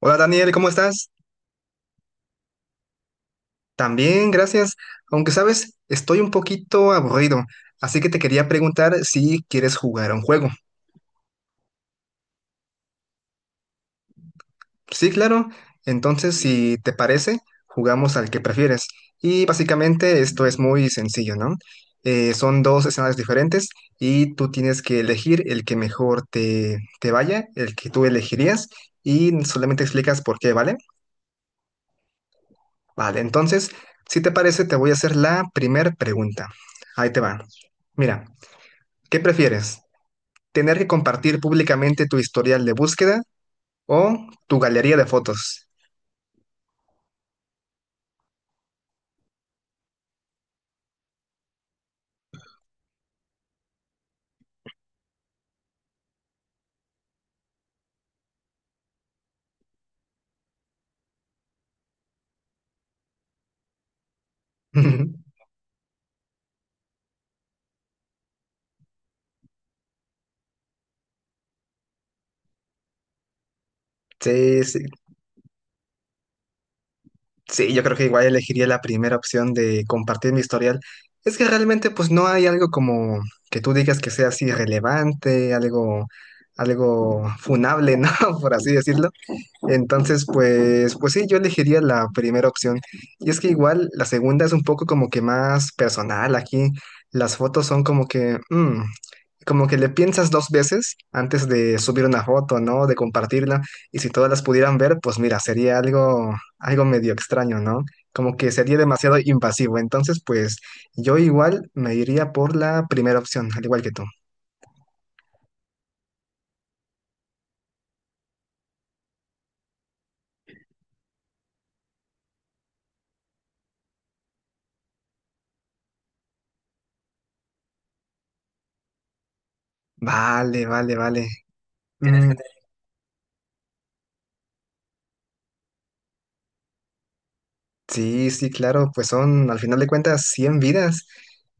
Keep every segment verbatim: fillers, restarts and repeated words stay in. Hola Daniel, ¿cómo estás? También, gracias. Aunque sabes, estoy un poquito aburrido, así que te quería preguntar si quieres jugar a un juego. Sí, claro. Entonces, si te parece, jugamos al que prefieres. Y básicamente esto es muy sencillo, ¿no? Eh, son dos escenarios diferentes y tú tienes que elegir el que mejor te, te vaya, el que tú elegirías, y solamente explicas por qué, ¿vale? Vale, entonces, si te parece, te voy a hacer la primera pregunta. Ahí te va. Mira. ¿Qué prefieres? ¿Tener que compartir públicamente tu historial de búsqueda o tu galería de fotos? Sí, sí, sí, yo creo que igual elegiría la primera opción de compartir mi historial. Es que realmente pues no hay algo como que tú digas que sea así relevante, algo, algo funable, ¿no? Por así decirlo. Entonces, pues, pues sí, yo elegiría la primera opción. Y es que igual la segunda es un poco como que más personal. Aquí las fotos son como que, mm, como que le piensas dos veces antes de subir una foto, ¿no? De compartirla. Y si todas las pudieran ver, pues mira, sería algo, algo medio extraño, ¿no? Como que sería demasiado invasivo. Entonces, pues yo igual me iría por la primera opción, al igual que tú. Vale, vale, vale. Mm. Sí, sí, claro, pues son al final de cuentas cien vidas,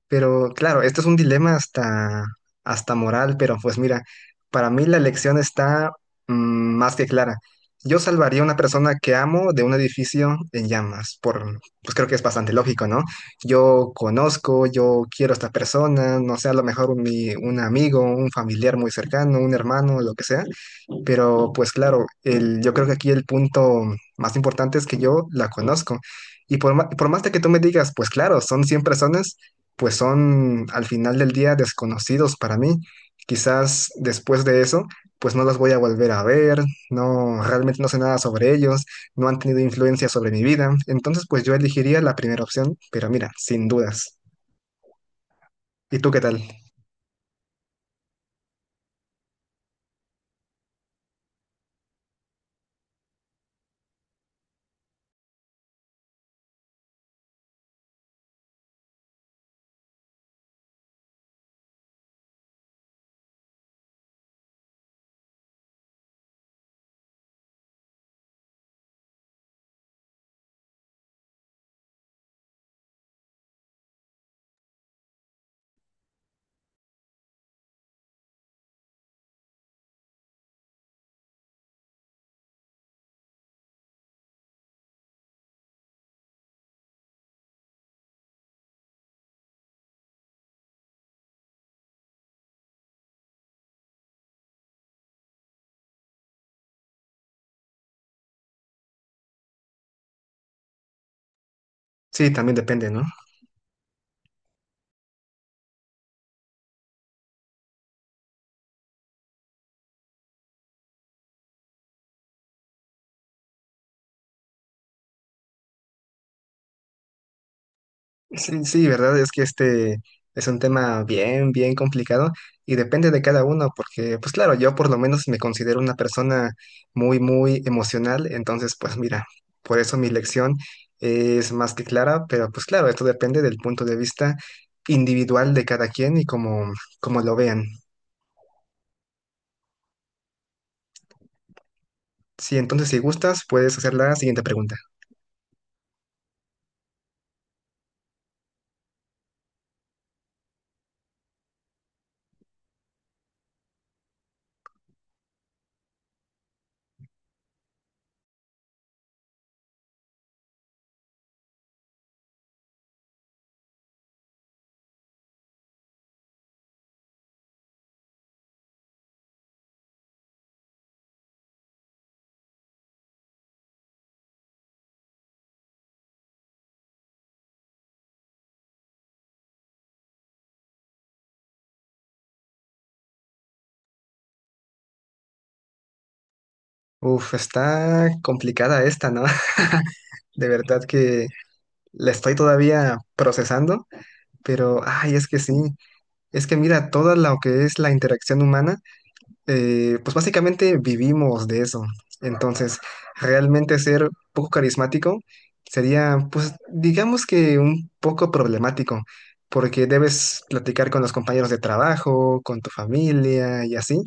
pero claro, esto es un dilema hasta, hasta moral, pero pues mira, para mí la elección está mm, más que clara. Yo salvaría a una persona que amo de un edificio en llamas, por, pues creo que es bastante lógico, ¿no? Yo conozco, yo quiero a esta persona, no sé, a lo mejor mi, un amigo, un familiar muy cercano, un hermano, lo que sea. Pero pues claro, el, yo creo que aquí el punto más importante es que yo la conozco. Y por, ma- por más de que tú me digas, pues claro, son cien personas, pues son al final del día desconocidos para mí. Quizás después de eso, pues no los voy a volver a ver, no, realmente no sé nada sobre ellos, no han tenido influencia sobre mi vida. Entonces, pues yo elegiría la primera opción, pero mira, sin dudas. ¿Y tú qué tal? Sí, también depende, ¿no? Sí, sí, verdad, es que este es un tema bien, bien complicado y depende de cada uno, porque pues claro, yo por lo menos me considero una persona muy, muy emocional, entonces pues mira, por eso mi lección es más que clara, pero pues claro, esto depende del punto de vista individual de cada quien y como, como lo vean. Sí, entonces si gustas, puedes hacer la siguiente pregunta. Uf, está complicada esta, ¿no? De verdad que la estoy todavía procesando. Pero, ay, es que sí, es que mira, toda lo que es la interacción humana, eh, pues básicamente vivimos de eso. Entonces, realmente ser poco carismático sería, pues, digamos que un poco problemático, porque debes platicar con los compañeros de trabajo, con tu familia y así.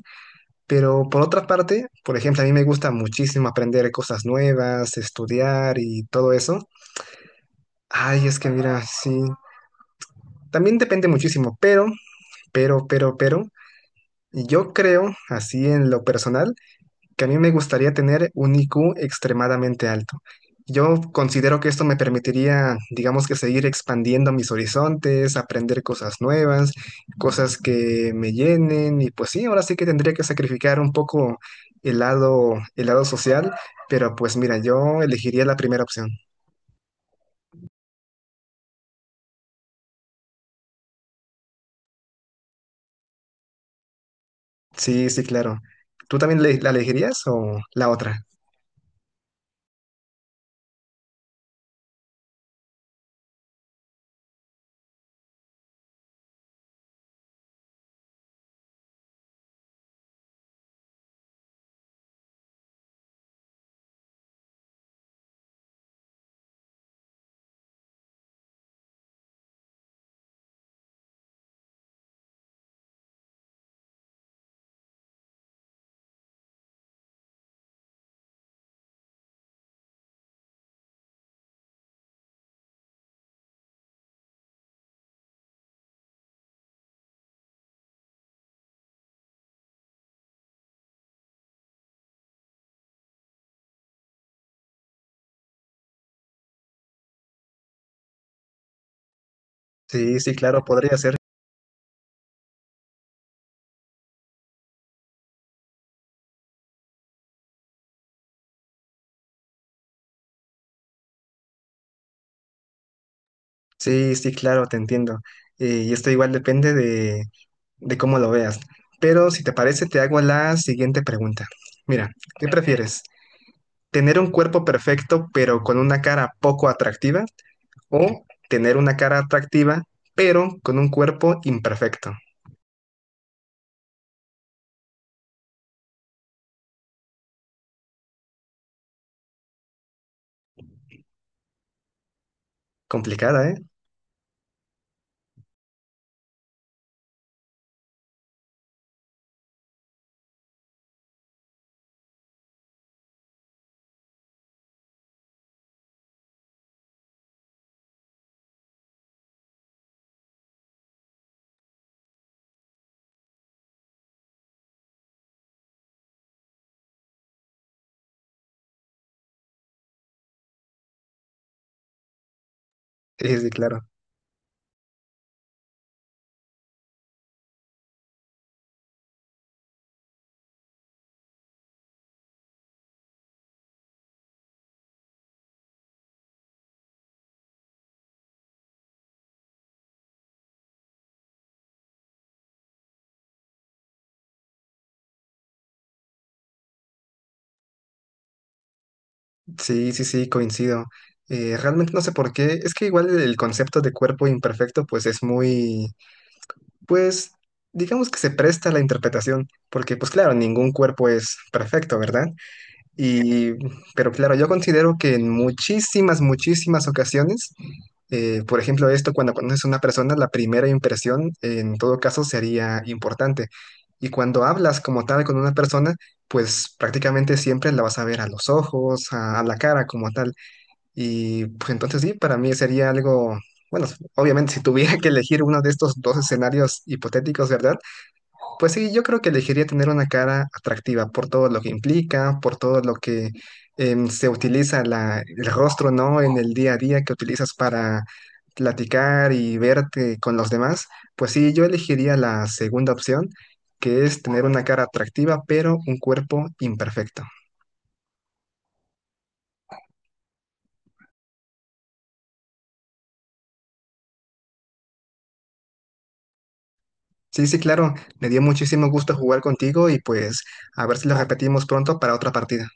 Pero por otra parte, por ejemplo, a mí me gusta muchísimo aprender cosas nuevas, estudiar y todo eso. Ay, es que mira, sí. También depende muchísimo, pero Pero, pero, pero, yo creo, así en lo personal, que a mí me gustaría tener un I Q extremadamente alto. Yo considero que esto me permitiría, digamos que seguir expandiendo mis horizontes, aprender cosas nuevas, cosas que me llenen y pues sí, ahora sí que tendría que sacrificar un poco el lado, el lado social, pero pues mira, yo elegiría la primera opción. Sí, sí, claro. ¿Tú también le- la elegirías o la otra? Sí, sí, claro, podría ser. Sí, sí, claro, te entiendo. Eh, y esto igual depende de, de cómo lo veas. Pero si te parece, te hago la siguiente pregunta. Mira, ¿qué prefieres? ¿Tener un cuerpo perfecto pero con una cara poco atractiva? ¿O tener una cara atractiva pero con un cuerpo imperfecto? Complicada, ¿eh? Sí, sí, claro. Sí, sí, sí, coincido. Eh, realmente no sé por qué. Es que igual el concepto de cuerpo imperfecto pues es muy... Pues digamos que se presta a la interpretación, porque pues claro, ningún cuerpo es perfecto, ¿verdad? Y, pero claro, yo considero que en muchísimas, muchísimas ocasiones, eh, por ejemplo, esto cuando conoces a una persona, la primera impresión en todo caso sería importante. Y cuando hablas como tal con una persona, pues prácticamente siempre la vas a ver a los ojos, a a la cara como tal. Y pues entonces sí, para mí sería algo, bueno, obviamente si tuviera que elegir uno de estos dos escenarios hipotéticos, ¿verdad? Pues sí, yo creo que elegiría tener una cara atractiva por todo lo que implica, por todo lo que em, se utiliza la, el rostro, ¿no? En el día a día que utilizas para platicar y verte con los demás. Pues sí, yo elegiría la segunda opción, que es tener una cara atractiva, pero un cuerpo imperfecto. Sí, sí, claro. Me dio muchísimo gusto jugar contigo y pues a ver si lo repetimos pronto para otra partida.